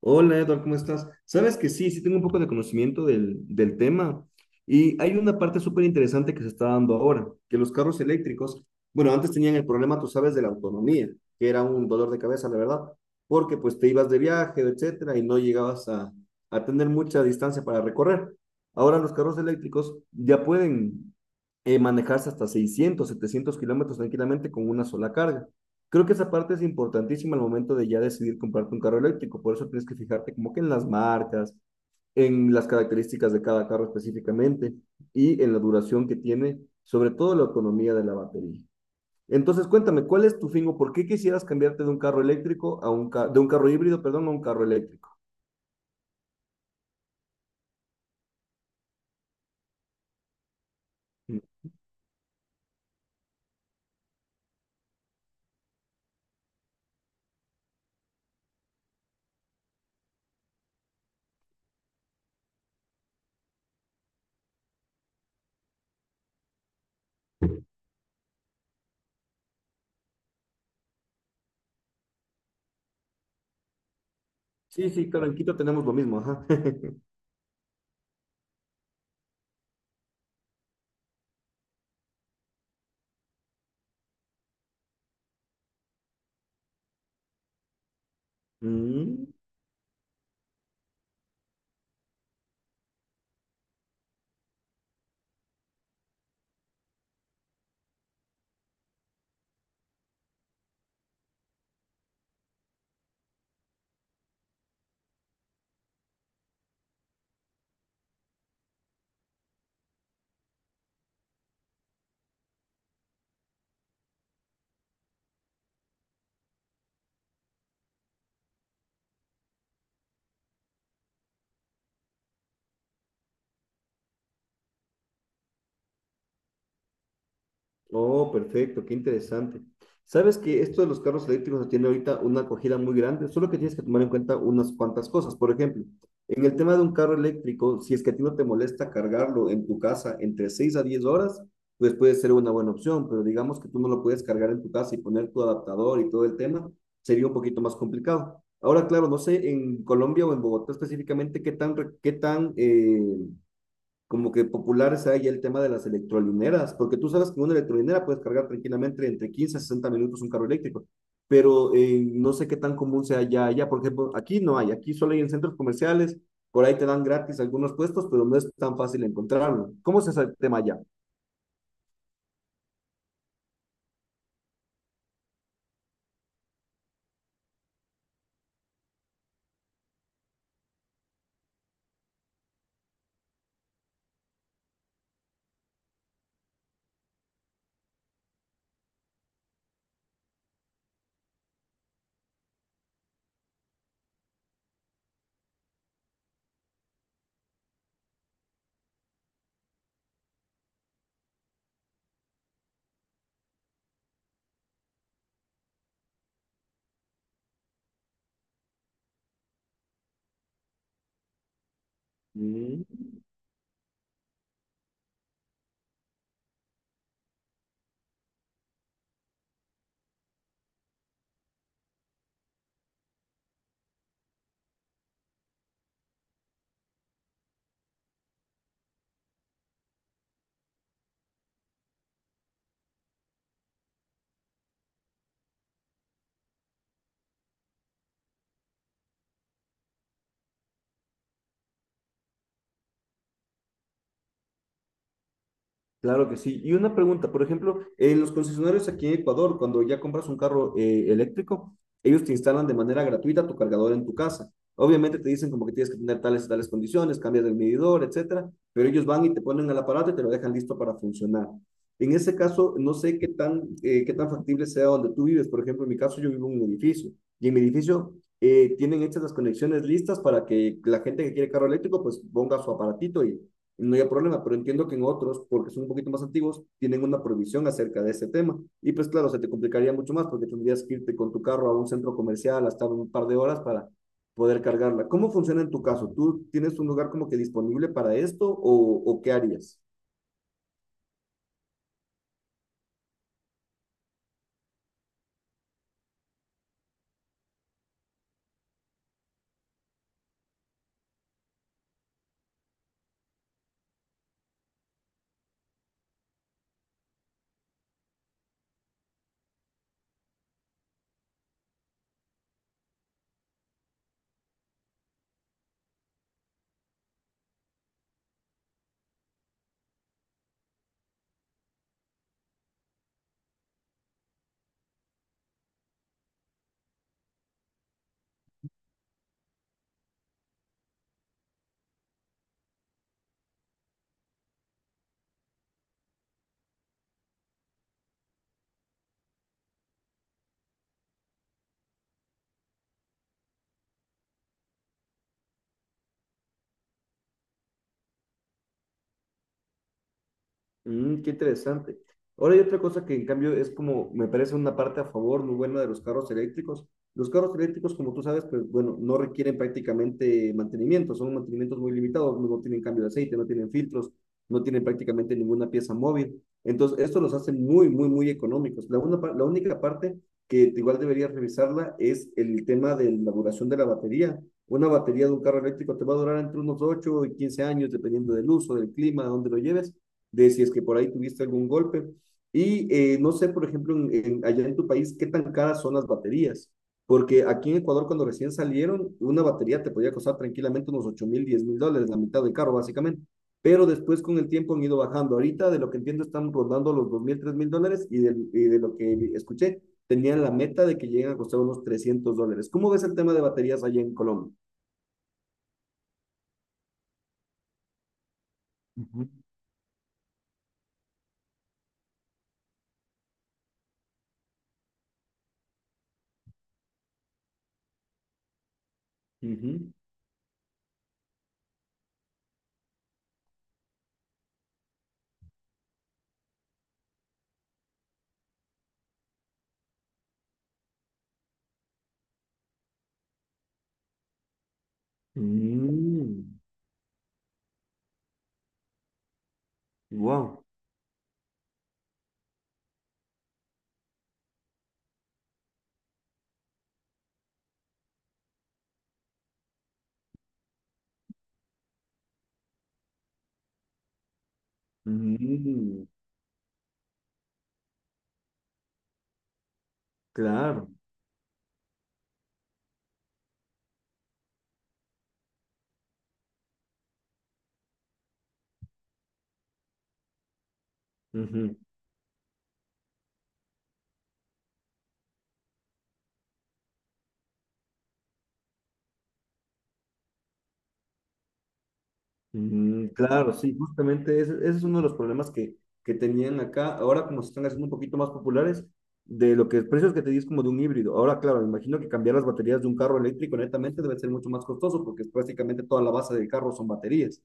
Hola Edward, ¿cómo estás? Sabes que sí, sí tengo un poco de conocimiento del tema y hay una parte súper interesante que se está dando ahora, que los carros eléctricos, bueno, antes tenían el problema, tú sabes, de la autonomía, que era un dolor de cabeza, la verdad, porque pues te ibas de viaje, etcétera, y no a tener mucha distancia para recorrer. Ahora los carros eléctricos ya pueden manejarse hasta 600, 700 km tranquilamente con una sola carga. Creo que esa parte es importantísima al momento de ya decidir comprarte un carro eléctrico, por eso tienes que fijarte como que en las marcas, en las características de cada carro específicamente y en la duración que tiene, sobre todo la autonomía de la batería. Entonces, cuéntame, ¿cuál es tu fin o por qué quisieras cambiarte de un carro eléctrico a de un carro híbrido, perdón, a un carro eléctrico? Mm. Sí, sí, claro, en Quito tenemos lo mismo, ajá. Mm. Oh, perfecto, qué interesante. Sabes que esto de los carros eléctricos tiene ahorita una acogida muy grande, solo que tienes que tomar en cuenta unas cuantas cosas. Por ejemplo, en el tema de un carro eléctrico, si es que a ti no te molesta cargarlo en tu casa entre 6 a 10 horas, pues puede ser una buena opción, pero digamos que tú no lo puedes cargar en tu casa y poner tu adaptador y todo el tema, sería un poquito más complicado. Ahora, claro, no sé en Colombia o en Bogotá específicamente qué tan como que popular sea ya el tema de las electrolineras, porque tú sabes que una electrolinera puedes cargar tranquilamente entre 15 a 60 minutos un carro eléctrico, pero no sé qué tan común sea ya allá. Por ejemplo, aquí no hay, aquí solo hay en centros comerciales, por ahí te dan gratis algunos puestos, pero no es tan fácil encontrarlo. ¿Cómo es ese tema allá? Mm. Claro que sí. Y una pregunta, por ejemplo, en los concesionarios aquí en Ecuador, cuando ya compras un carro eléctrico, ellos te instalan de manera gratuita tu cargador en tu casa. Obviamente te dicen como que tienes que tener tales y tales condiciones, cambias el medidor, etcétera, pero ellos van y te ponen el aparato y te lo dejan listo para funcionar. En ese caso, no sé qué tan factible sea donde tú vives. Por ejemplo, en mi caso, yo vivo en un edificio y en mi edificio tienen hechas las conexiones listas para que la gente que quiere carro eléctrico pues ponga su aparatito y no haya problema, pero entiendo que en otros, porque son un poquito más antiguos, tienen una prohibición acerca de ese tema. Y pues claro, se te complicaría mucho más porque tendrías que irte con tu carro a un centro comercial hasta un par de horas para poder cargarla. ¿Cómo funciona en tu caso? ¿Tú tienes un lugar como que disponible para esto o qué harías? Mm, qué interesante. Ahora hay otra cosa que en cambio es como, me parece una parte a favor muy buena de los carros eléctricos. Los carros eléctricos, como tú sabes, pues bueno, no requieren prácticamente mantenimiento, son mantenimientos muy limitados, no tienen cambio de aceite, no tienen filtros, no tienen prácticamente ninguna pieza móvil. Entonces, esto los hace muy, muy, muy económicos. La única parte que igual deberías revisarla es el tema de la duración de la batería. Una batería de un carro eléctrico te va a durar entre unos 8 y 15 años, dependiendo del uso, del clima, de dónde lo lleves de si es que por ahí tuviste algún golpe. Y no sé, por ejemplo, allá en tu país, qué tan caras son las baterías. Porque aquí en Ecuador, cuando recién salieron, una batería te podía costar tranquilamente unos 8.000, 10.000 dólares, la mitad del carro, básicamente. Pero después, con el tiempo, han ido bajando. Ahorita, de lo que entiendo, están rondando los 2.000, 3.000 dólares. Y de lo que escuché, tenían la meta de que lleguen a costar unos 300 dólares. ¿Cómo ves el tema de baterías allá en Colombia? Ujú, ujú. Mm, wow. Mm. Claro. Ujú. Mm, claro, sí, justamente ese es uno de los problemas que tenían acá. Ahora como se están haciendo un poquito más populares, de lo que precios que te di es como de un híbrido. Ahora, claro, me imagino que cambiar las baterías de un carro eléctrico netamente debe ser mucho más costoso porque es prácticamente toda la base del carro son baterías.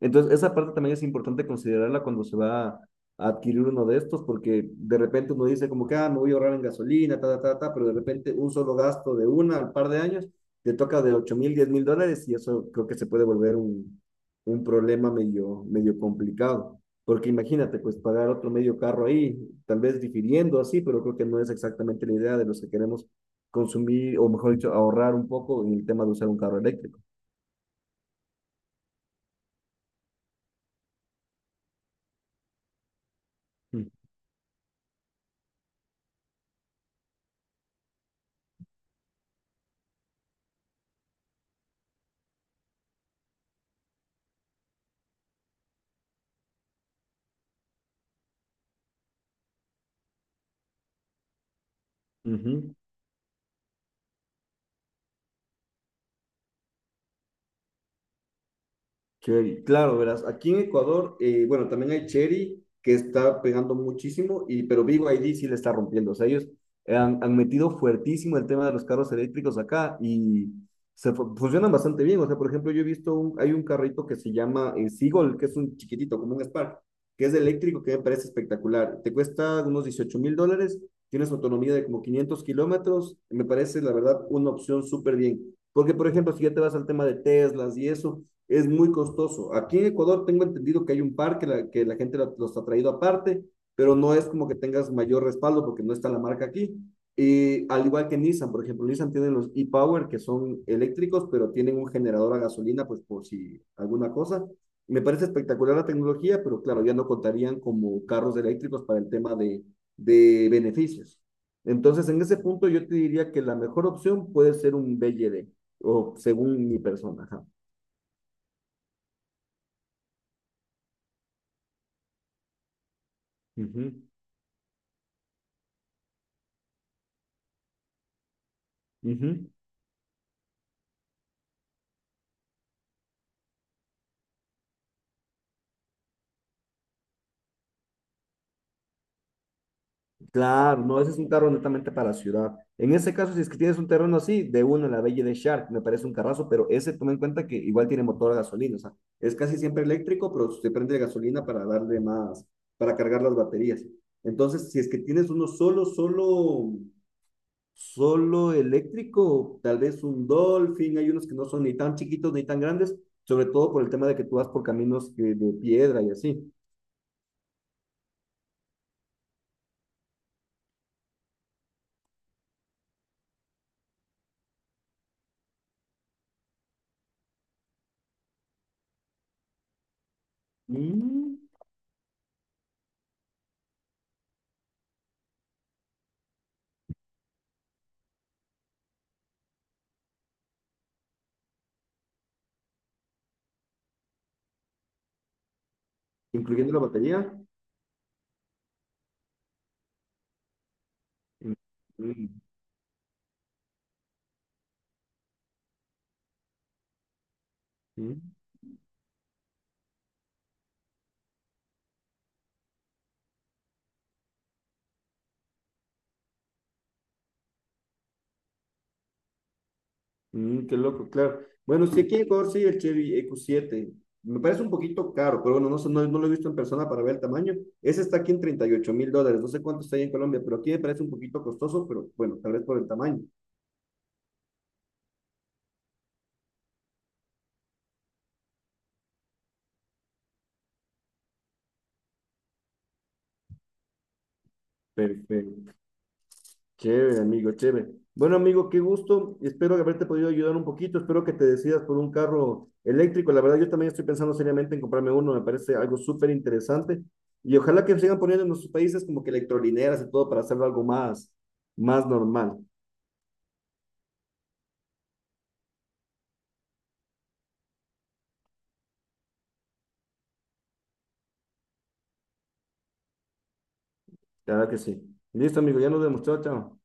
Entonces, esa parte también es importante considerarla cuando se va a adquirir uno de estos porque de repente uno dice como que, ah, me voy a ahorrar en gasolina, ta, ta, ta, ta, pero de repente un solo gasto de una al par de años te toca de 8.000, 10.000 dólares y eso creo que se puede volver un problema medio, medio complicado. Porque imagínate, pues pagar otro medio carro ahí, tal vez difiriendo así, pero creo que no es exactamente la idea de los que queremos consumir, o mejor dicho, ahorrar un poco en el tema de usar un carro eléctrico. Mm. Ujú. Cherry, claro, verás, aquí en Ecuador, bueno, también hay Cherry que está pegando muchísimo, y, pero BYD sí le está rompiendo. O sea, ellos han metido fuertísimo el tema de los carros eléctricos acá y funcionan bastante bien. O sea, por ejemplo, yo he visto, un, hay un carrito que se llama Seagull, que es un chiquitito, como un Spark, que es eléctrico, que me parece espectacular. Te cuesta unos 18.000 dólares, tienes autonomía de como 500 km, me parece, la verdad, una opción súper bien. Porque, por ejemplo, si ya te vas al tema de Teslas y eso, es muy costoso. Aquí en Ecuador tengo entendido que hay un par que la gente los ha traído aparte, pero no es como que tengas mayor respaldo porque no está la marca aquí. Y al igual que Nissan, por ejemplo, Nissan tiene los e-Power que son eléctricos, pero tienen un generador a gasolina, pues por si alguna cosa. Me parece espectacular la tecnología, pero claro, ya no contarían como carros eléctricos para el tema de beneficios. Entonces, en ese punto yo te diría que la mejor opción puede ser un BLD, o según mi persona. Ajá. Ujú. Ujú, claro, no, ese es un carro netamente para ciudad. En ese caso, si es que tienes un terreno así, de uno, la Belle de Shark, me parece un carrazo, pero ese toma en cuenta que igual tiene motor a gasolina, o sea, es casi siempre eléctrico, pero se prende de gasolina para darle más, para cargar las baterías. Entonces, si es que tienes uno solo eléctrico, tal vez un Dolphin, hay unos que no son ni tan chiquitos ni tan grandes, sobre todo por el tema de que tú vas por caminos de piedra y así. Mm, incluyendo la batería. Mm. Mm. Mm, mm, qué loco, claro. Bueno, sí, aquí en Ecuador sí, el Chevy EQ7. Me parece un poquito caro, pero bueno, no, no lo he visto en persona para ver el tamaño. Ese está aquí en 38.000 dólares. No sé cuánto está ahí en Colombia, pero aquí me parece un poquito costoso, pero bueno, tal vez por el tamaño. Perfecto. Chévere, amigo, chévere. Bueno, amigo, qué gusto. Espero haberte podido ayudar un poquito. Espero que te decidas por un carro eléctrico. La verdad, yo también estoy pensando seriamente en comprarme uno. Me parece algo súper interesante. Y ojalá que sigan poniendo en nuestros países como que electrolineras y todo para hacerlo algo más, más normal. La verdad que sí. Listo, amigo, ya nos demostró, chao. Chao.